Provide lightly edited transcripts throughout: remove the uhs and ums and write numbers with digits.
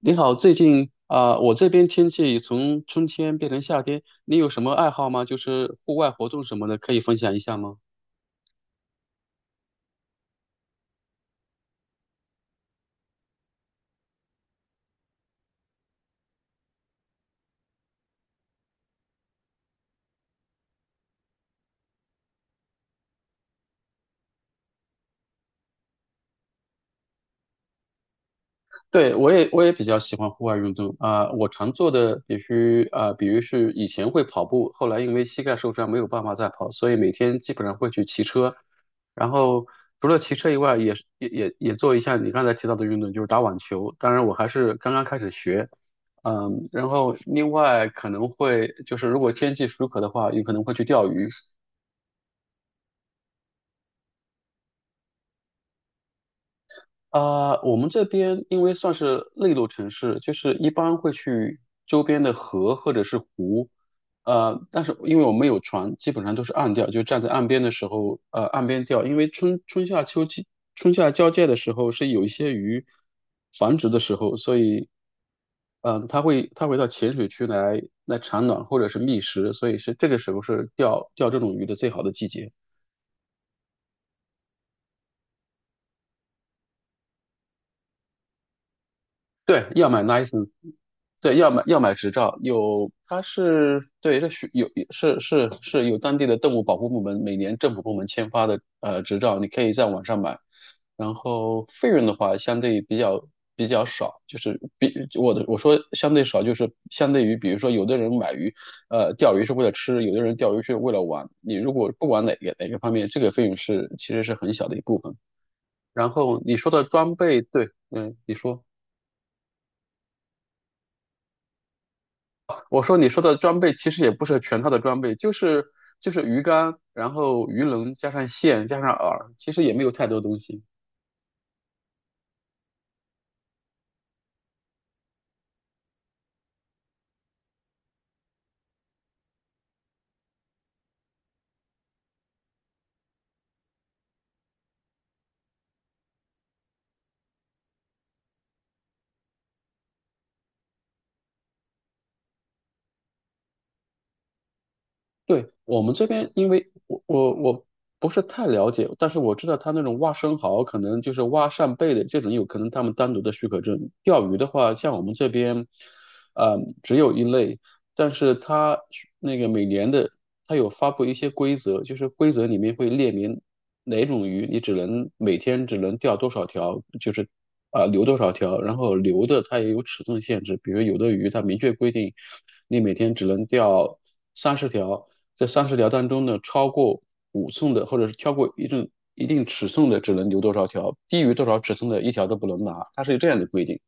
你好，最近我这边天气从春天变成夏天，你有什么爱好吗？就是户外活动什么的，可以分享一下吗？对，我也比较喜欢户外运动,我常做的必须啊、比如是以前会跑步，后来因为膝盖受伤没有办法再跑，所以每天基本上会去骑车。然后除了骑车以外，也是也也也做一下你刚才提到的运动，就是打网球。当然，我还是刚刚开始学。嗯，然后另外可能会如果天气许可的话，有可能会去钓鱼。我们这边因为算是内陆城市，就是一般会去周边的河或者是湖。但是因为我们有船，基本上都是岸钓，就站在岸边的时候，岸边钓，因为春夏交界的时候是有一些鱼繁殖的时候，所以，它会到浅水区来产卵或者是觅食，所以这个时候是钓这种鱼的最好的季节。对，要买 license,对，要买执照，有它是对，这需有是是是有当地的动物保护部门每年政府部门签发的执照，你可以在网上买。然后费用的话，相对比较少，就是比我的我说相对少，就是相对于比如说有的人买鱼，钓鱼是为了吃，有的人钓鱼是为了玩。你如果不管哪个方面，这个费用其实是很小的一部分。然后你说的装备，对，嗯，你说。我说你说的装备其实也不是全套的装备，就是就是鱼竿，然后鱼轮加上线加上饵，其实也没有太多东西。对，我们这边，因为我不是太了解，但是我知道他那种挖生蚝，可能就是挖扇贝的这种，有可能他们单独的许可证。钓鱼的话，像我们这边，只有一类，但是它那个每年的，它有发布一些规则，就是规则里面会列明哪种鱼你每天只能钓多少条，就是留多少条，然后留的它也有尺寸限制，比如有的鱼它明确规定你每天只能钓三十条。这三十条当中呢，超过5寸的，或者是超过一定尺寸的，只能留多少条，低于多少尺寸的一条都不能拿，它是有这样的规定。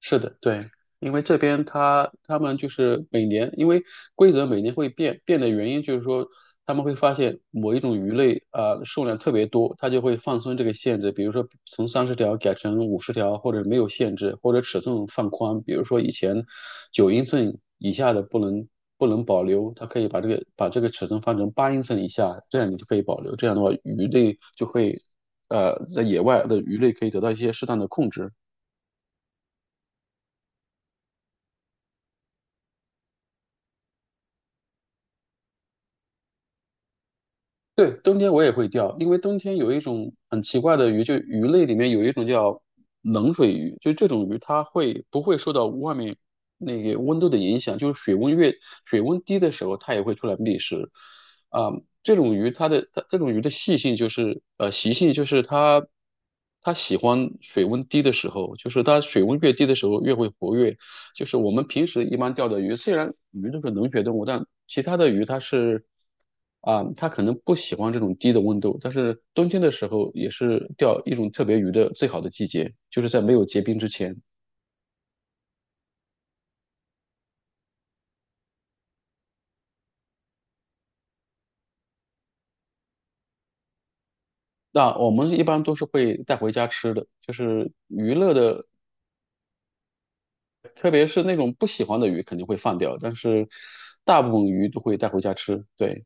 是的，对，因为这边他们就是每年，因为规则每年会变，变的原因就是说他们会发现某一种鱼类数量特别多，他就会放松这个限制，比如说从三十条改成50条，或者没有限制，或者尺寸放宽，比如说以前9英寸以下的不能保留，他可以把这个尺寸放成8英寸以下，这样你就可以保留，这样的话鱼类就会在野外的鱼类可以得到一些适当的控制。对，冬天我也会钓，因为冬天有一种很奇怪的鱼，就鱼类里面有一种叫冷水鱼，就这种鱼它会不会受到外面那个温度的影响，就是水温低的时候，它也会出来觅食。啊、这种鱼的习性就是它喜欢水温低的时候，就是它水温越低的时候越会活跃，就是我们平时一般钓的鱼，虽然鱼都是冷血动物，但其他的鱼它是它可能不喜欢这种低的温度，但是冬天的时候也是钓一种特别鱼的最好的季节，就是在没有结冰之前。那我们一般都是会带回家吃的，就是娱乐的，特别是那种不喜欢的鱼肯定会放掉，但是大部分鱼都会带回家吃。对。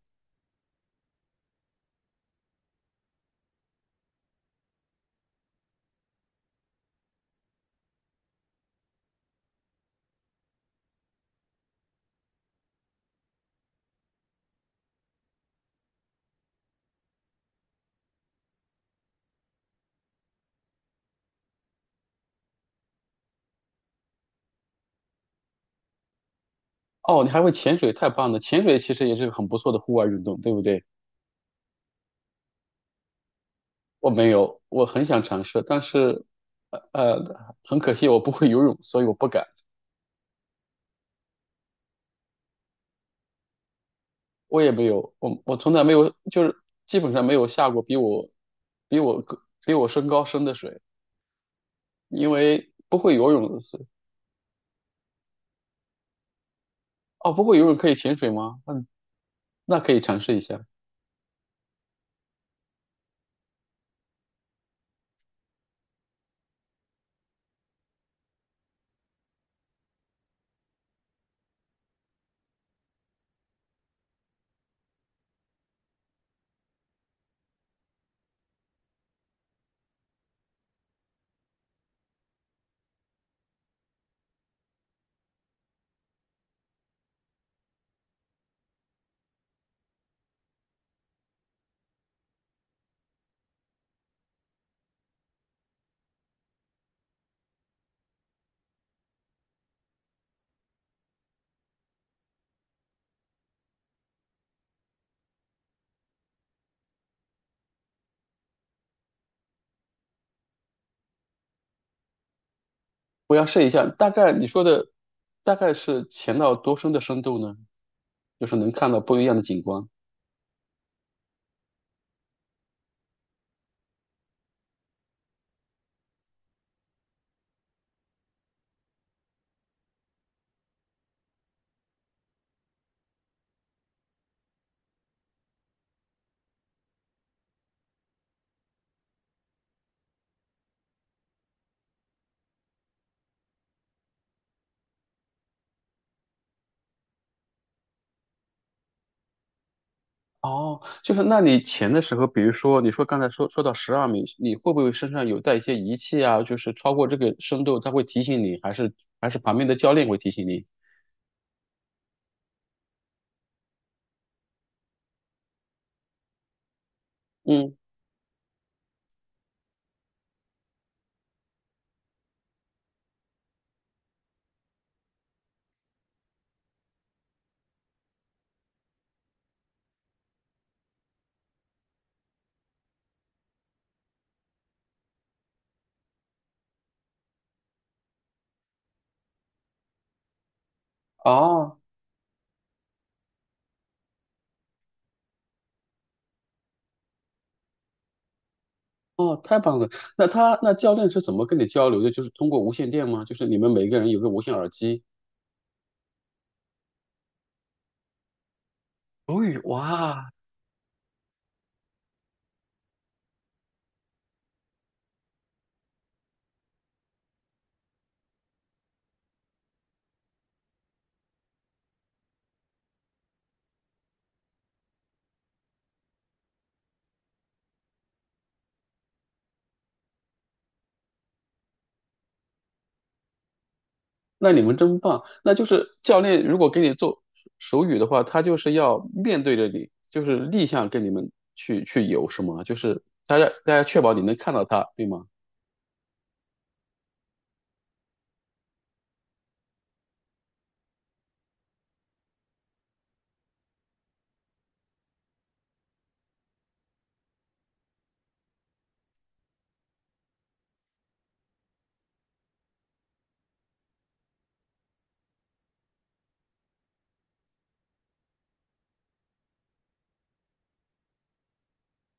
哦，你还会潜水，太棒了！潜水其实也是个很不错的户外运动，对不对？我没有，我很想尝试，但是，很可惜我不会游泳，所以我不敢。我也没有，我从来没有，就是基本上没有下过比我身高深的水，因为不会游泳的是。哦，不会游泳可以潜水吗？嗯，那可以尝试一下。我要试一下。大概你说的大概是潜到多深的深度呢？就是能看到不一样的景观。哦，就是那你潜的时候，比如说刚才说到12米，你会不会身上有带一些仪器啊？就是超过这个深度，它会提醒你，还是旁边的教练会提醒你？嗯，哦哦，太棒了。那教练是怎么跟你交流的？就是通过无线电吗？就是你们每个人有个无线耳机？哦，哇，那你们真棒。那就是教练如果给你做手语的话，他就是要面对着你，就是逆向跟你们去游，是吗？就是大家确保你能看到他，对吗？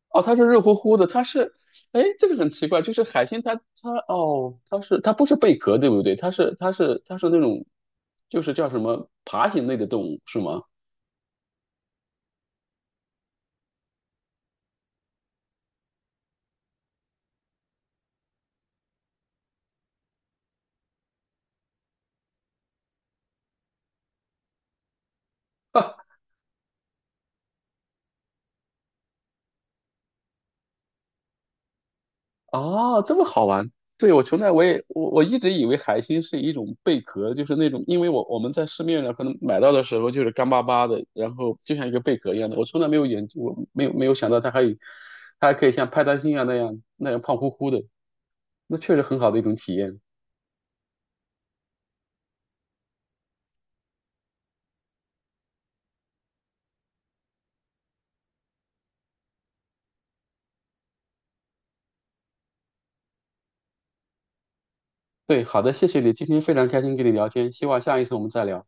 哦，他是热乎乎的，他是，哎，这个很奇怪，就是海星它哦，它不是贝壳，对不对？它是那种，就是叫什么爬行类的动物，是吗？哦，这么好玩！对，我从来我也我我一直以为海星是一种贝壳，就是那种，因为我们在市面上可能买到的时候就是干巴巴的，然后就像一个贝壳一样的。我从来没有研究，我没有想到它还有，它还可以像派大星那样胖乎乎的，那确实很好的一种体验。对，好的，谢谢你，今天非常开心跟你聊天，希望下一次我们再聊。